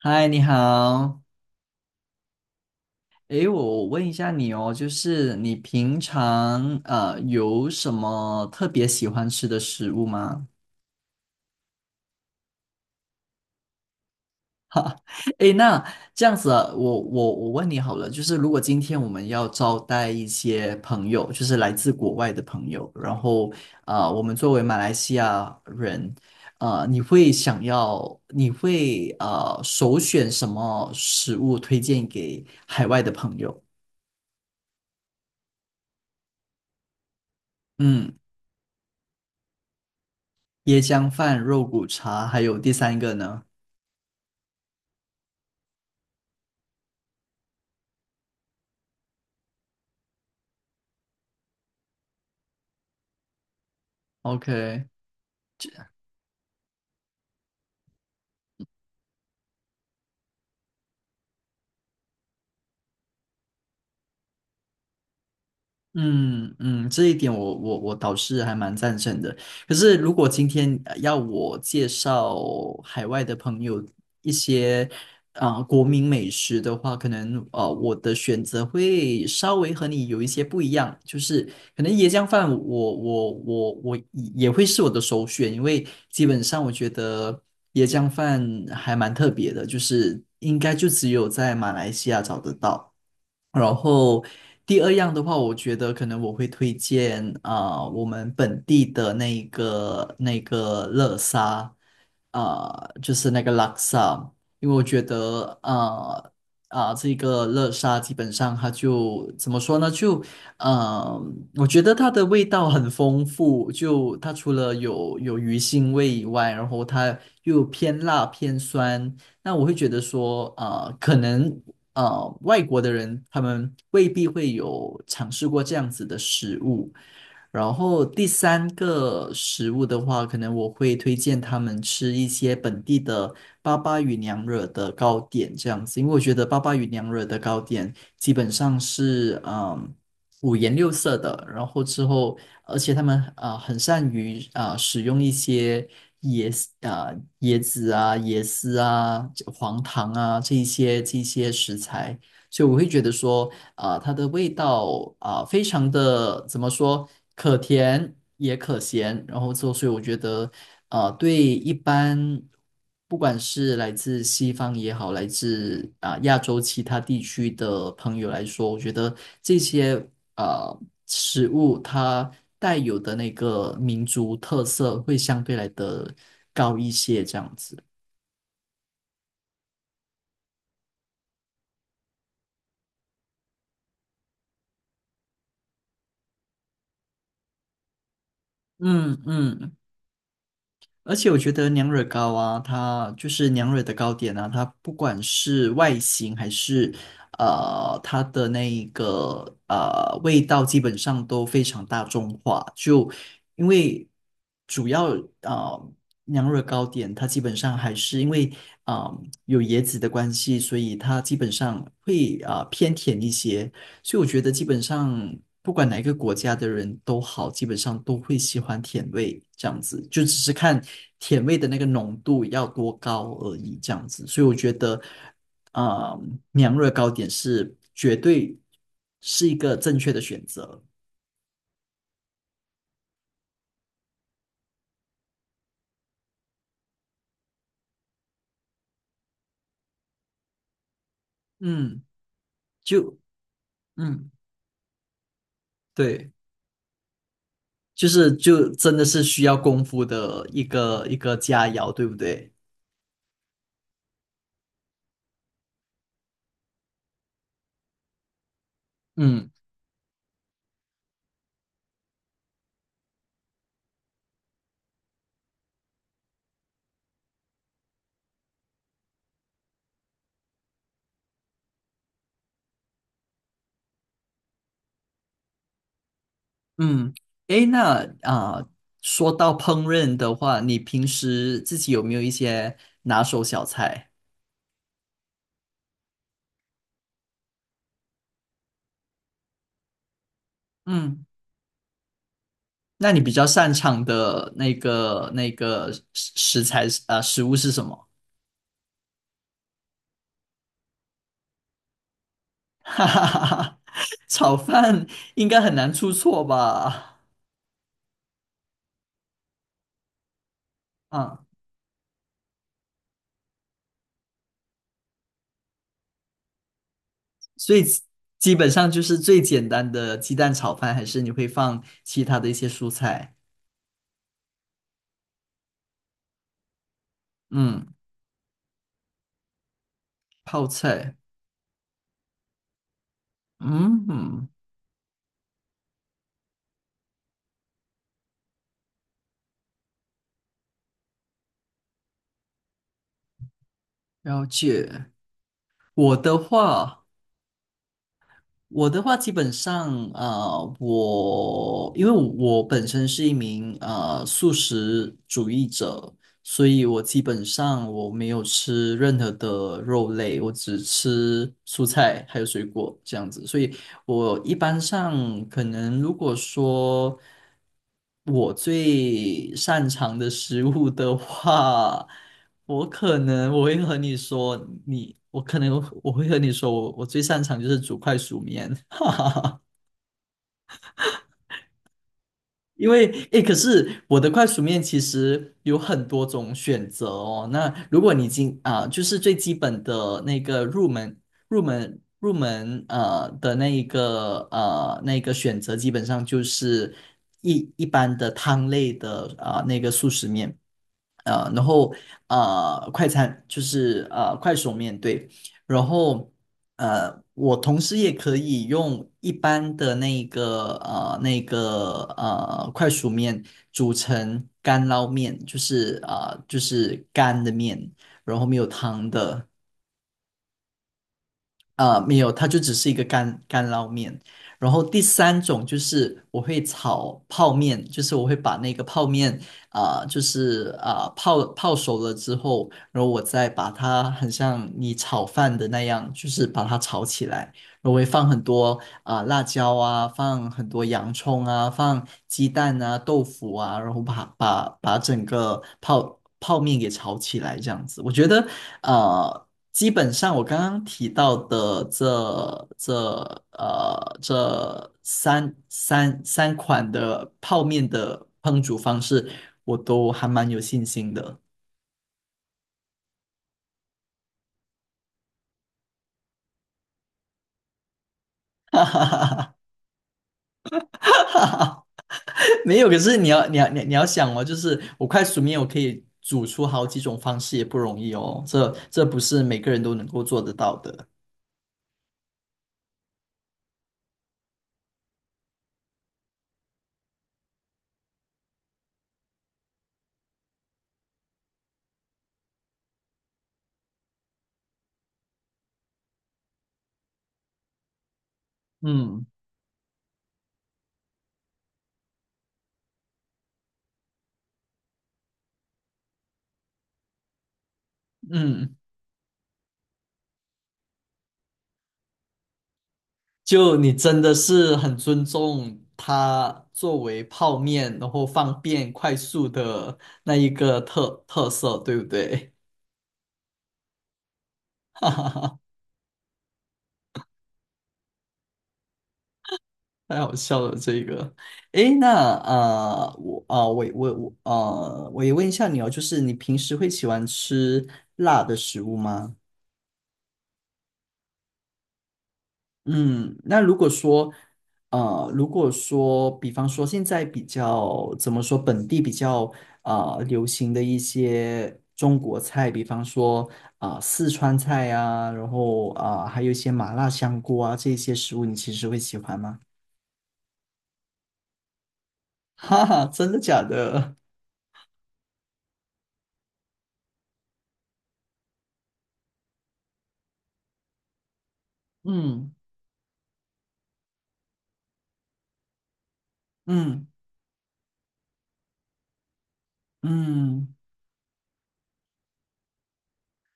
嗨，你好。诶，我问一下你哦，就是你平常有什么特别喜欢吃的食物吗？诶，那这样子啊，我问你好了，就是如果今天我们要招待一些朋友，就是来自国外的朋友，然后我们作为马来西亚人，你会想要，你会首选什么食物推荐给海外的朋友？嗯。椰浆饭、肉骨茶，还有第三个呢？OK，嗯嗯，这一点我倒是还蛮赞成的。可是如果今天要我介绍海外的朋友一些国民美食的话，可能我的选择会稍微和你有一些不一样，就是可能椰浆饭我也会是我的首选，因为基本上我觉得椰浆饭还蛮特别的，就是应该就只有在马来西亚找得到。然后第二样的话，我觉得可能我会推荐我们本地的那一个那个乐沙，啊、就是那个拉萨，因为我觉得这个乐沙基本上它就怎么说呢？就呃，我觉得它的味道很丰富，就它除了有鱼腥味以外，然后它又偏辣偏酸。那我会觉得说，啊、可能外国的人，他们未必会有尝试过这样子的食物。然后第三个食物的话，可能我会推荐他们吃一些本地的巴巴与娘惹的糕点这样子，因为我觉得巴巴与娘惹的糕点基本上是五颜六色的，然后之后而且他们啊很善于啊使用一些椰丝啊椰子啊、椰丝啊、这黄糖啊这一些食材，所以我会觉得说，啊，它的味道啊、非常的怎么说，可甜也可咸，然后之所以我觉得，啊对一般不管是来自西方也好，来自啊、亚洲其他地区的朋友来说，我觉得这些。呃食物它带有的那个民族特色会相对来的高一些，这样子。嗯嗯，而且我觉得娘惹糕啊，它就是娘惹的糕点啊，它不管是外形还是它的那一个味道，基本上都非常大众化。就因为主要呃娘惹糕点，它基本上还是因为有椰子的关系，所以它基本上会偏甜一些。所以我觉得基本上不管哪一个国家的人都好，基本上都会喜欢甜味这样子，就只是看甜味的那个浓度要多高而已这样子。所以我觉得，呃，娘惹糕点是绝对是一个正确的选择。嗯，就嗯，对，就是就真的是需要功夫的一个佳肴，对不对？嗯。嗯，诶，那说到烹饪的话，你平时自己有没有一些拿手小菜？嗯，那你比较擅长的那个食材是啊、食物是什么？哈哈哈哈，炒饭应该很难出错吧？啊，所以基本上就是最简单的鸡蛋炒饭，还是你会放其他的一些蔬菜？嗯，泡菜，嗯，了解。我的话。我的话，基本上，啊，我因为我本身是一名素食主义者，所以我基本上我没有吃任何的肉类，我只吃蔬菜还有水果这样子。所以我一般上可能如果说我最擅长的食物的话，我可能我会和你说，你我可能我会和你说，我最擅长就是煮快熟面，哈哈哈。因为诶，可是我的快熟面其实有很多种选择哦。那如果你今啊、就是最基本的那个入门的那一个那个选择，基本上就是一般的汤类的啊、那个速食面。然后快餐就是快手面对，然后我同时也可以用一般的那个那个快熟面煮成干捞面，就是就是干的面，然后没有汤的，没有，它就只是一个干捞面。然后第三种就是我会炒泡面，就是我会把那个泡面就是泡熟了之后，然后我再把它很像你炒饭的那样，就是把它炒起来。然后我会放很多辣椒啊，放很多洋葱啊，放鸡蛋啊、豆腐啊，然后把整个泡面给炒起来，这样子。我觉得呃基本上我刚刚提到的这这三款的泡面的烹煮方式，我都还蛮有信心的。没有，可是你要想哦，就是我快速面我可以煮出好几种方式也不容易哦，这不是每个人都能够做得到的。嗯嗯。就你真的是很尊重它作为泡面，然后方便快速的那一个特色，对不对？太好笑了这个。诶，那我我也问一下你哦，就是你平时会喜欢吃辣的食物吗？嗯，那如果说，如果说，比方说现在比较怎么说，本地比较流行的一些中国菜，比方说四川菜啊，然后还有一些麻辣香锅啊这些食物，你其实会喜欢吗？哈哈，真的假的？嗯嗯嗯。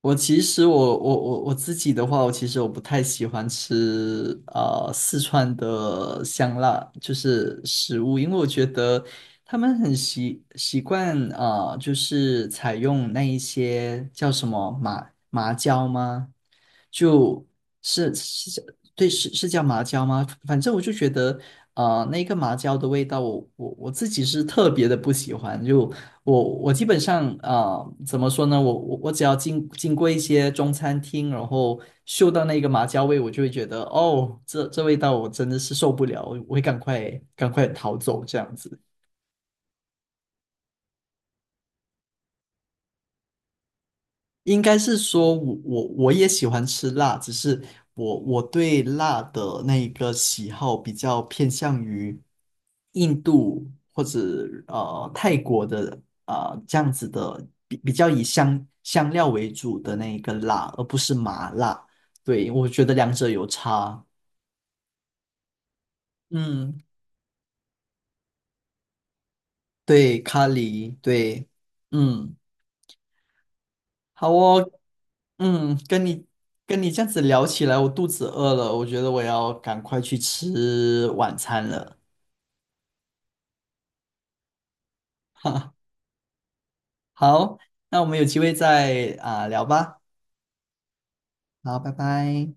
我其实我我自己的话，我其实我不太喜欢吃四川的香辣，就是食物，因为我觉得他们很习惯啊、就是采用那一些叫什么麻椒吗？就是是叫对是是叫麻椒吗？反正我就觉得，那个麻椒的味道我，我自己是特别的不喜欢，就我基本上啊，怎么说呢？我我只要经过一些中餐厅，然后嗅到那个麻椒味，我就会觉得哦，这味道我真的是受不了，我会赶快逃走这样子。应该是说我我也喜欢吃辣，只是我对辣的那个喜好比较偏向于印度或者泰国的这样子的，比较以香料为主的那一个辣，而不是麻辣。对，我觉得两者有差。嗯，对，咖喱，对，嗯，好哦，嗯，跟你这样子聊起来，我肚子饿了，我觉得我要赶快去吃晚餐了。哈，好，那我们有机会再啊、聊吧。好，拜拜。